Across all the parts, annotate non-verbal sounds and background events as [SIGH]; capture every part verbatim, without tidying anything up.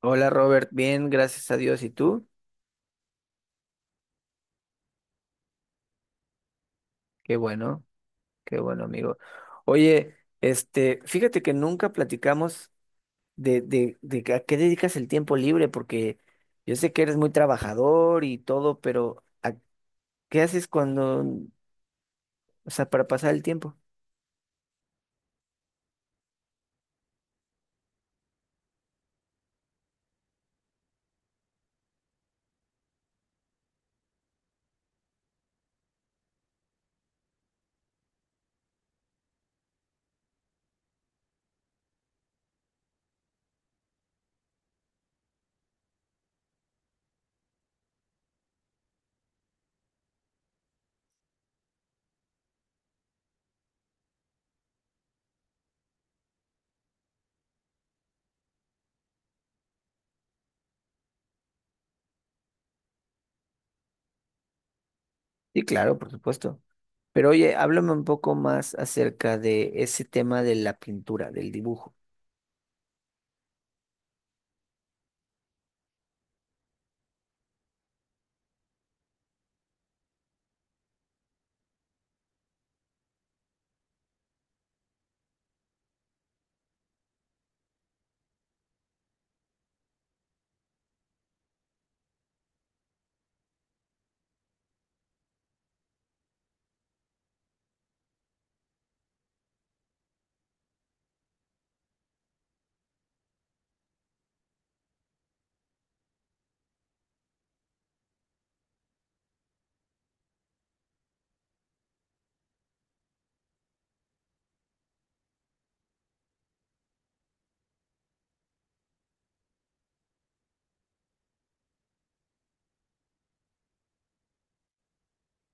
Hola Robert, bien, gracias a Dios. ¿Y tú? Qué bueno, qué bueno, amigo. Oye, este, fíjate que nunca platicamos de, de, de que a qué dedicas el tiempo libre, porque yo sé que eres muy trabajador y todo, pero ¿a qué haces cuando, o sea, para pasar el tiempo? Sí, claro, por supuesto. Pero oye, háblame un poco más acerca de ese tema de la pintura, del dibujo.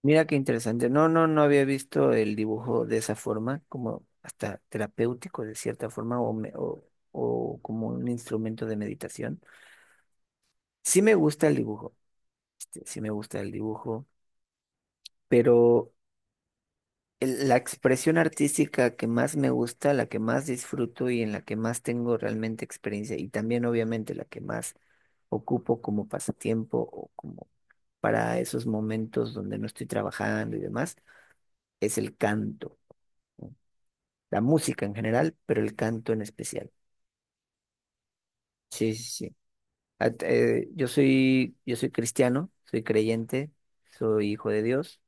Mira qué interesante. No, no, no había visto el dibujo de esa forma, como hasta terapéutico de cierta forma o, me- o, o como un instrumento de meditación. Sí me gusta el dibujo, este, sí me gusta el dibujo, pero el- la expresión artística que más me gusta, la que más disfruto y en la que más tengo realmente experiencia y también obviamente la que más ocupo como pasatiempo o como para esos momentos donde no estoy trabajando y demás, es el canto. La música en general, pero el canto en especial. Sí, sí, sí. A- eh, yo soy, yo soy cristiano, soy creyente, soy hijo de Dios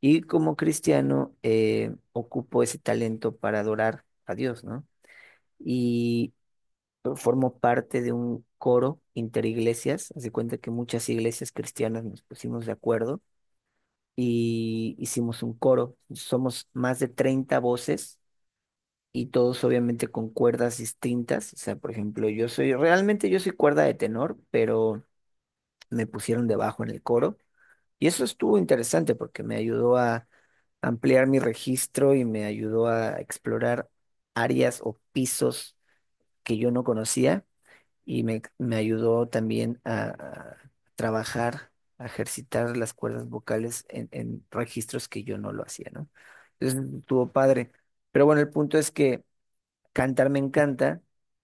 y como cristiano eh, ocupo ese talento para adorar a Dios, ¿no? Y formo parte de un coro interiglesias, haz de cuenta que muchas iglesias cristianas nos pusimos de acuerdo y hicimos un coro. Somos más de treinta voces y todos obviamente con cuerdas distintas. O sea, por ejemplo, yo soy, realmente yo soy cuerda de tenor, pero me pusieron de bajo en el coro. Y eso estuvo interesante porque me ayudó a ampliar mi registro y me ayudó a explorar áreas o pisos que yo no conocía y me, me ayudó también a, a trabajar, a ejercitar las cuerdas vocales en, en registros que yo no lo hacía, ¿no? Entonces estuvo padre. Pero bueno, el punto es que cantar me encanta,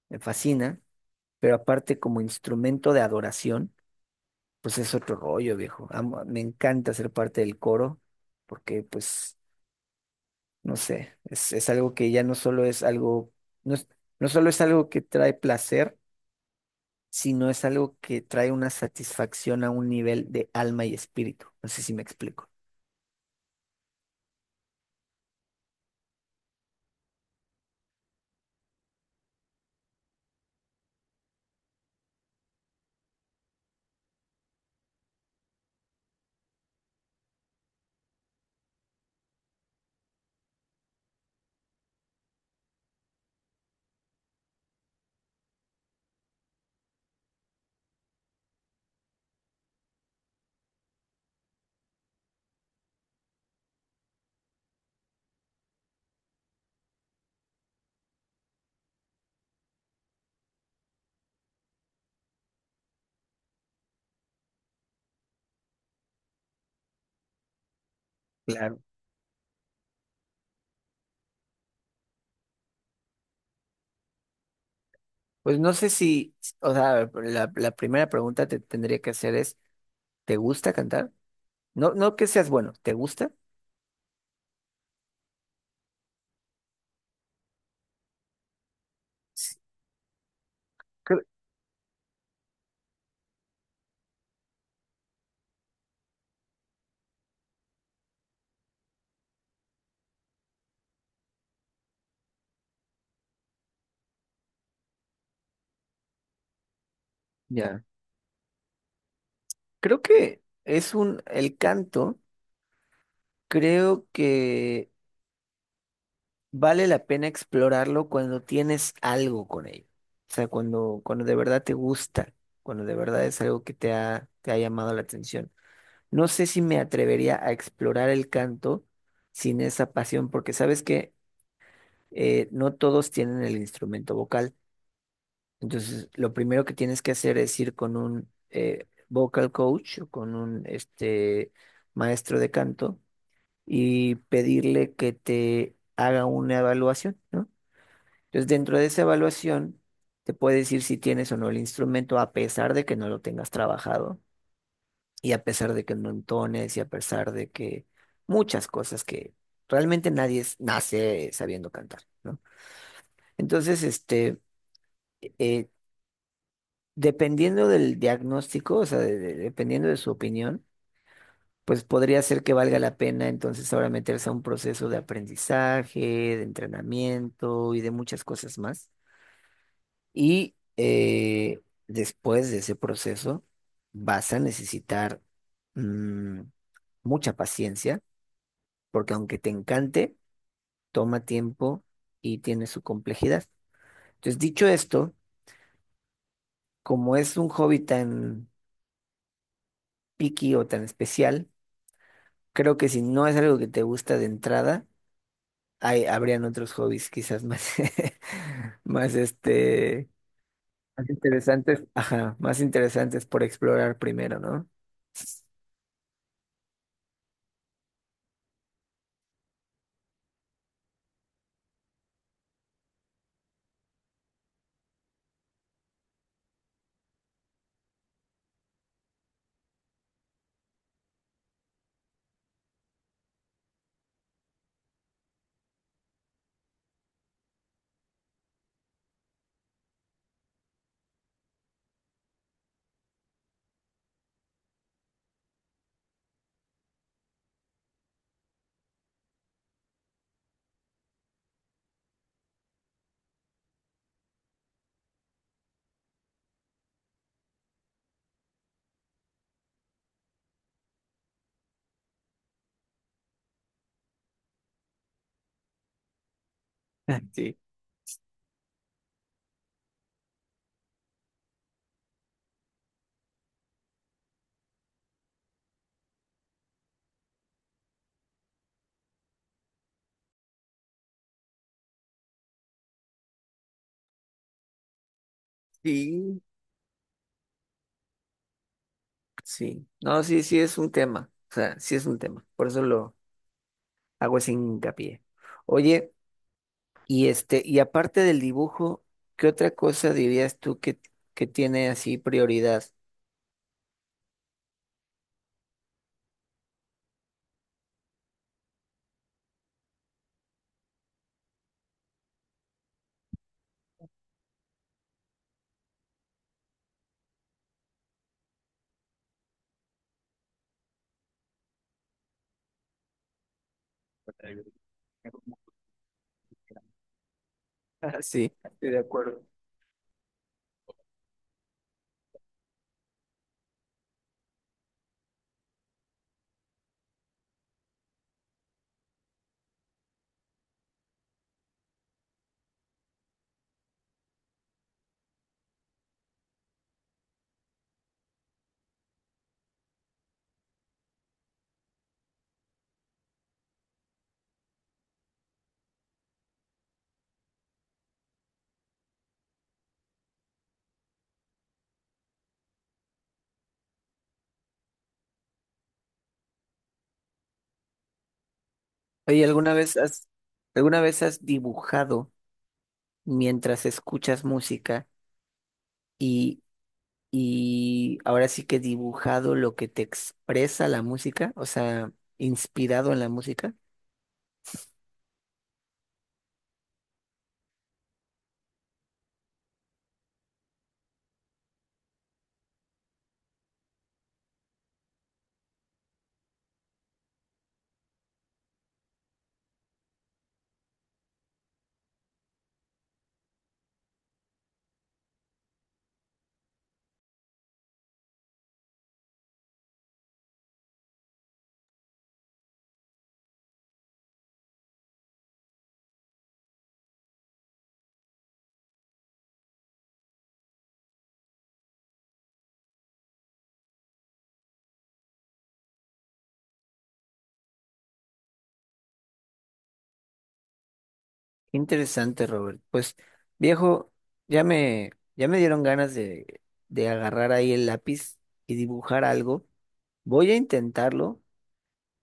me fascina, pero aparte como instrumento de adoración, pues es otro rollo, viejo. Amo- me encanta ser parte del coro, porque pues, no sé, es, es algo que ya no solo es algo, no es- no solo es algo que trae placer, sino es algo que trae una satisfacción a un nivel de alma y espíritu. No sé si me explico. Claro. Pues no sé si, o sea, la, la primera pregunta que te tendría que hacer es, ¿te gusta cantar? No, no que seas bueno, ¿te gusta? Cre- ya. Creo que es un, el canto, creo que vale la pena explorarlo cuando tienes algo con ello. O sea, cuando, cuando de verdad te gusta, cuando de verdad es algo que te ha, te ha llamado la atención. No sé si me atrevería a explorar el canto sin esa pasión, porque sabes que eh, no todos tienen el instrumento vocal. Entonces, lo primero que tienes que hacer es ir con un eh, vocal coach, o con un este, maestro de canto, y pedirle que te haga una evaluación, ¿no? Entonces, dentro de esa evaluación, te puede decir si tienes o no el instrumento, a pesar de que no lo tengas trabajado, y a pesar de que no entones, y a pesar de que muchas cosas que realmente nadie es- nace sabiendo cantar, ¿no? Entonces, este eh, dependiendo del diagnóstico, o sea, de- de- dependiendo de su opinión, pues podría ser que valga la pena entonces ahora meterse a un proceso de aprendizaje, de entrenamiento y de muchas cosas más. Y eh, después de ese proceso vas a necesitar mm, mucha paciencia, porque aunque te encante, toma tiempo y tiene su complejidad. Entonces, dicho esto, como es un hobby tan picky o tan especial, creo que si no es algo que te gusta de entrada, hay, habrían otros hobbies quizás más, [LAUGHS] más este, más interesantes, ajá, más interesantes por explorar primero, ¿no? [LAUGHS] Sí, sí. Sí. No, sí, sí es un tema. O sea, sí es un tema. Por eso lo hago ese hincapié. Oye, y este, y aparte del dibujo, ¿qué otra cosa dirías tú que, que tiene así prioridad? [LAUGHS] Sí, estoy de acuerdo. Oye, ¿alguna vez has, alguna vez has dibujado mientras escuchas música y, y ahora sí que dibujado lo que te expresa la música, o sea, inspirado en la música? Qué interesante, Robert. Pues, viejo, ya me, ya me dieron ganas de, de agarrar ahí el lápiz y dibujar algo. Voy a intentarlo.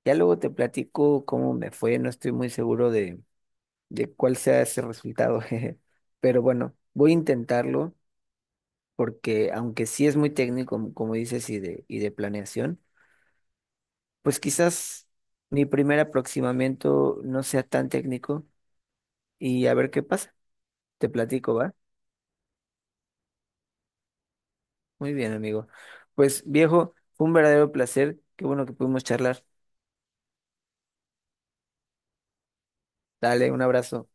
Ya luego te platico cómo me fue. No estoy muy seguro de, de cuál sea ese resultado, [LAUGHS] jeje. Pero bueno, voy a intentarlo. Porque aunque sí es muy técnico, como dices, y de, y de planeación, pues quizás mi primer aproximamiento no sea tan técnico y a ver qué pasa. Te platico, ¿va? Muy bien, amigo. Pues viejo, fue un verdadero placer. Qué bueno que pudimos charlar. Dale, un abrazo.